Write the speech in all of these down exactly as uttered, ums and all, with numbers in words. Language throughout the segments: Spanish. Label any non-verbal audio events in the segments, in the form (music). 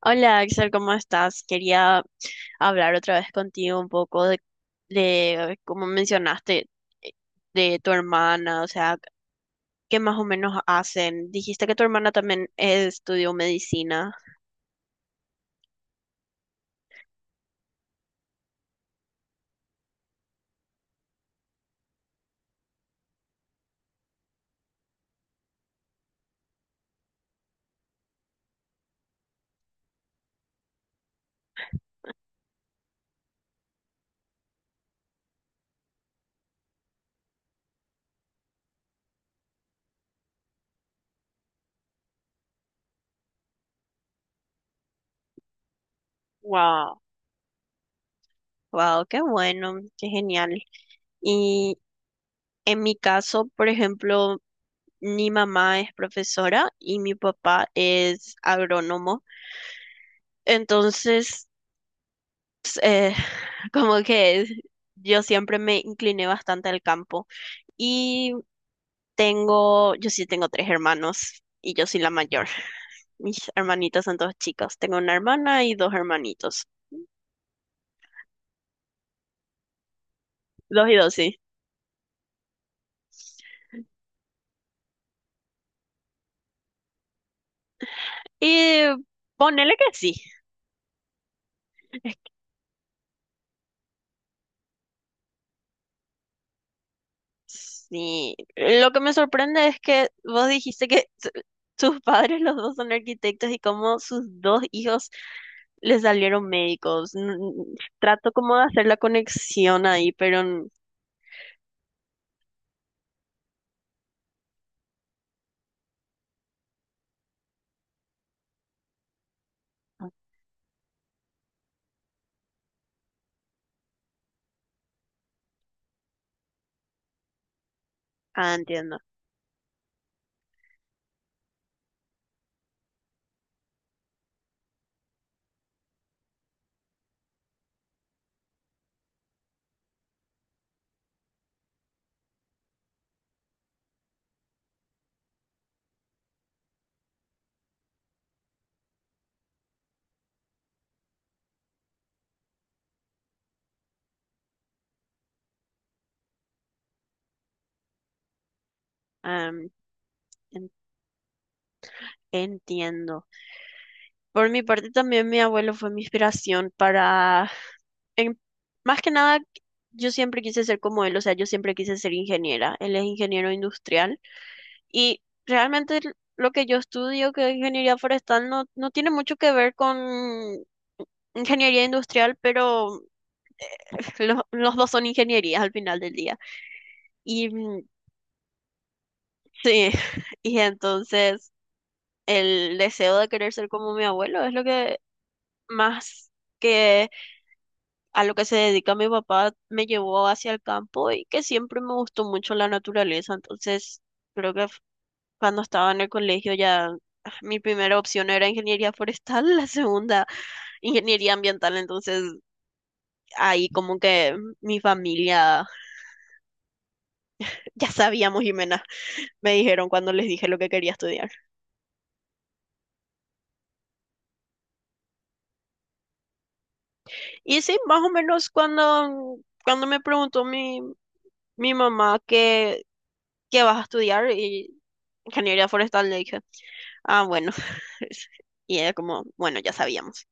Hola Axel, ¿cómo estás? Quería hablar otra vez contigo un poco de, de como mencionaste, eh, de tu hermana, o sea, qué más o menos hacen. Dijiste que tu hermana también eh, estudió medicina. Wow, wow, qué bueno, qué genial. Y en mi caso, por ejemplo, mi mamá es profesora y mi papá es agrónomo. Entonces, eh, (laughs) como que yo siempre me incliné bastante al campo. Y tengo, yo sí tengo tres hermanos y yo soy la mayor. (laughs) Mis hermanitos son dos chicos. Tengo una hermana y dos hermanitos. Dos y dos, sí. Y ponele que sí. Sí. Lo que me sorprende es que vos dijiste que su- sus padres los dos son arquitectos y cómo sus dos hijos le salieron médicos. N- n- Trato como de hacer la conexión ahí, pero n- Ah, entiendo. Am, en- entiendo. Por mi parte también mi abuelo fue mi inspiración para, en- más que nada, yo siempre quise ser como él, o sea, yo siempre quise ser ingeniera. Él es ingeniero industrial y realmente l- lo que yo estudio, que es ingeniería forestal, no no tiene mucho que ver con ingeniería industrial, pero (laughs) los, los dos son ingenierías al final del día. Y mm, Sí, (laughs) y entonces el deseo de querer ser como mi abuelo es lo que más que a lo que se dedica mi papá me llevó hacia el campo y que siempre me gustó mucho la naturaleza. Entonces, creo que f- cuando estaba en el colegio ya, ah, mi primera opción era ingeniería forestal, (laughs) la segunda ingeniería ambiental. Entonces, ahí como que mi familia, ya sabíamos, Jimena, me dijeron cuando les dije lo que quería estudiar. Y sí, más o menos cuando, cuando me preguntó mi, mi mamá qué, qué vas a estudiar, y ingeniería forestal, le dije, ah, bueno. (laughs) Y era como, bueno, ya sabíamos.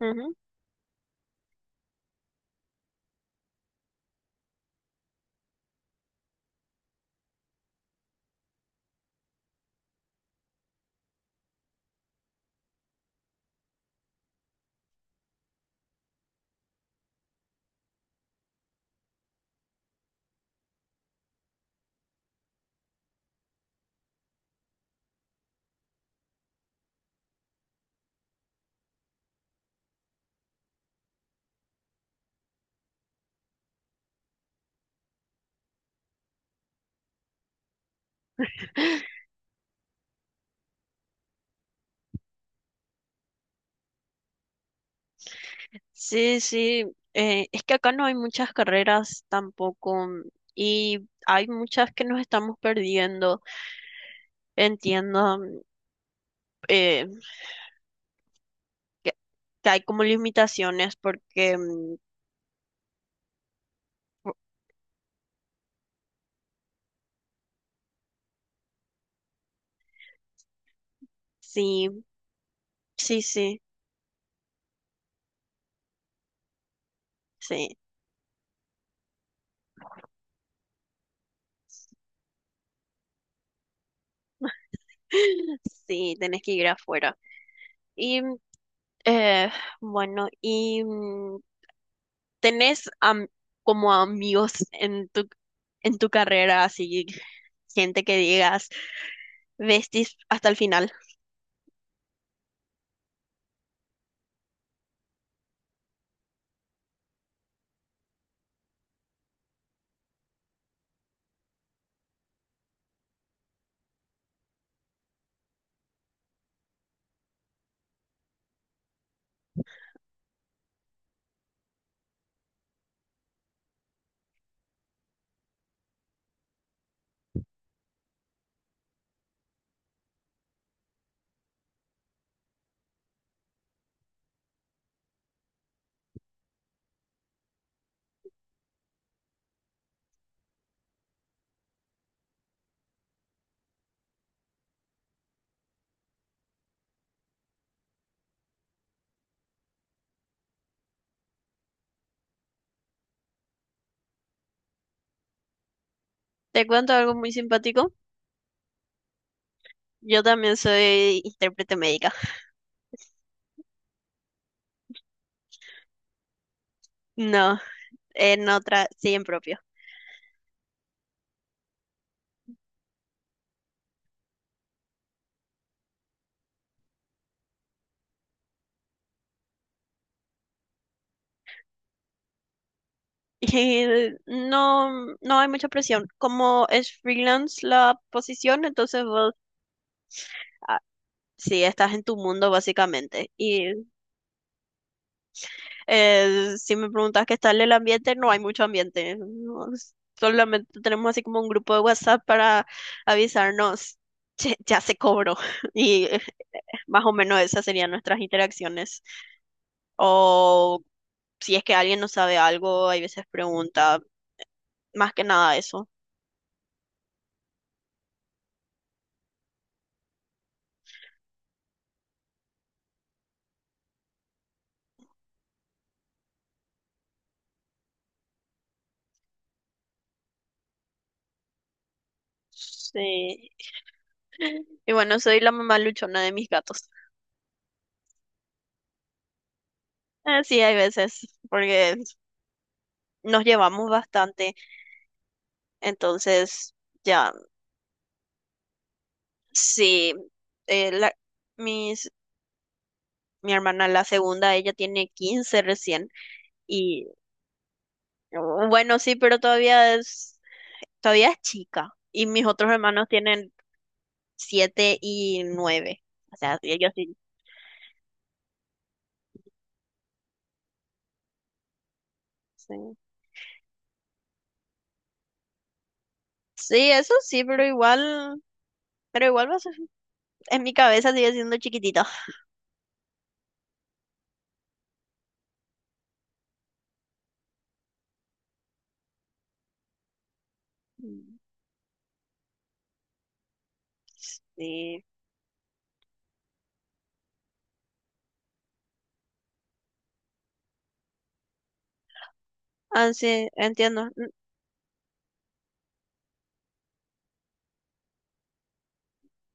Ujú. Sí, sí, eh, es que acá no hay muchas carreras tampoco mm, y hay muchas que nos estamos perdiendo. Entiendo. mm, eh, que, que hay como limitaciones porque mm, sí, sí, sí, sí. (laughs) Sí, tenés que ir afuera. Y mm, eh, bueno, y mm, tenés am- como amigos en tu en tu carrera, así gente que digas, vestis hasta el final. Te cuento algo muy simpático. Yo también soy intérprete médica. No, en otra, sí, en propio. (laughs) Y no, mm, no hay mucha presión. Como es freelance la posición, entonces vos, ah, sí, estás en tu mundo básicamente. Y Eh, si me preguntas qué tal el ambiente, no hay mucho ambiente. No, s- solamente tenemos así como un grupo de WhatsApp para avisarnos, "Che, ya se cobró." (laughs) Y eh, más o menos esas serían nuestras interacciones. O si es que alguien no sabe algo, hay veces pregunta, más que nada eso. Sí. (laughs) Y bueno, soy la mamá luchona de mis gatos. Eh, sí, hay veces, porque nos llevamos bastante, entonces ya. Sí, eh, la, mis, mi hermana, la segunda, ella tiene quince recién. Y oh, bueno, sí, pero todavía es, todavía es chica. Y mis otros hermanos tienen siete y nueve. O sea, sí, ellos sí. Sí, sí, eso sí, pero igual, pero igual va a ser- en mi cabeza sigue siendo chiquitito. Mm, sí. Ah, sí, entiendo. Mm,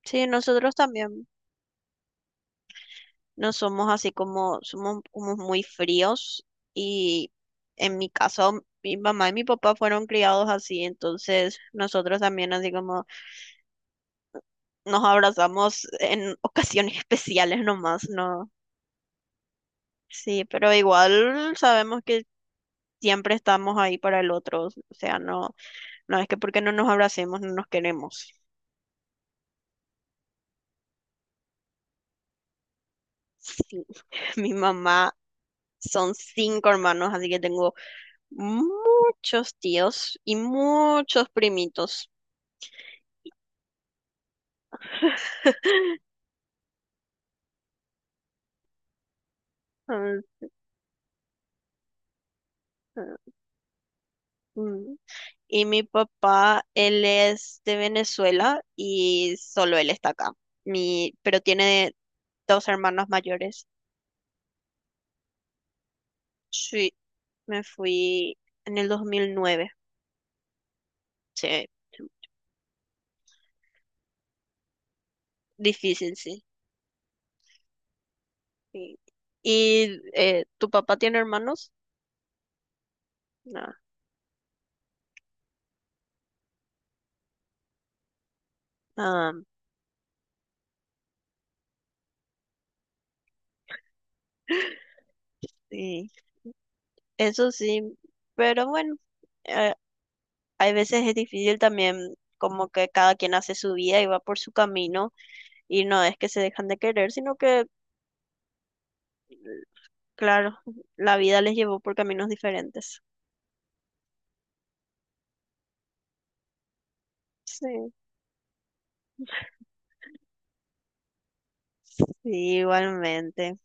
sí, nosotros también. No somos así como, somos como muy fríos y en mi caso mi mamá y mi papá fueron criados así, entonces nosotros también así como nos abrazamos en (laughs) ocasiones especiales nomás, ¿no? Sí, pero igual sabemos que siempre estamos ahí para el otro, o sea, no, no es que porque no nos abracemos no nos queremos. Sí, (laughs) mi mamá son cinco hermanos, así que tengo muchos tíos y muchos primitos. Ujú. Mm. Y mi papá, él es de Venezuela y solo él está acá. Mi, pero tiene dos hermanos mayores. Sí, me fui en el dos mil nueve. Sí, difícil, sí. Sí. ¿Y eh, tu papá tiene hermanos? No. Ah, sí. Eso sí, pero bueno, eh, hay veces es difícil también, como que cada quien hace su vida y va por su camino y no es que se dejan de querer, sino que. Claro, la vida les llevó por caminos diferentes. Sí. Sí, igualmente.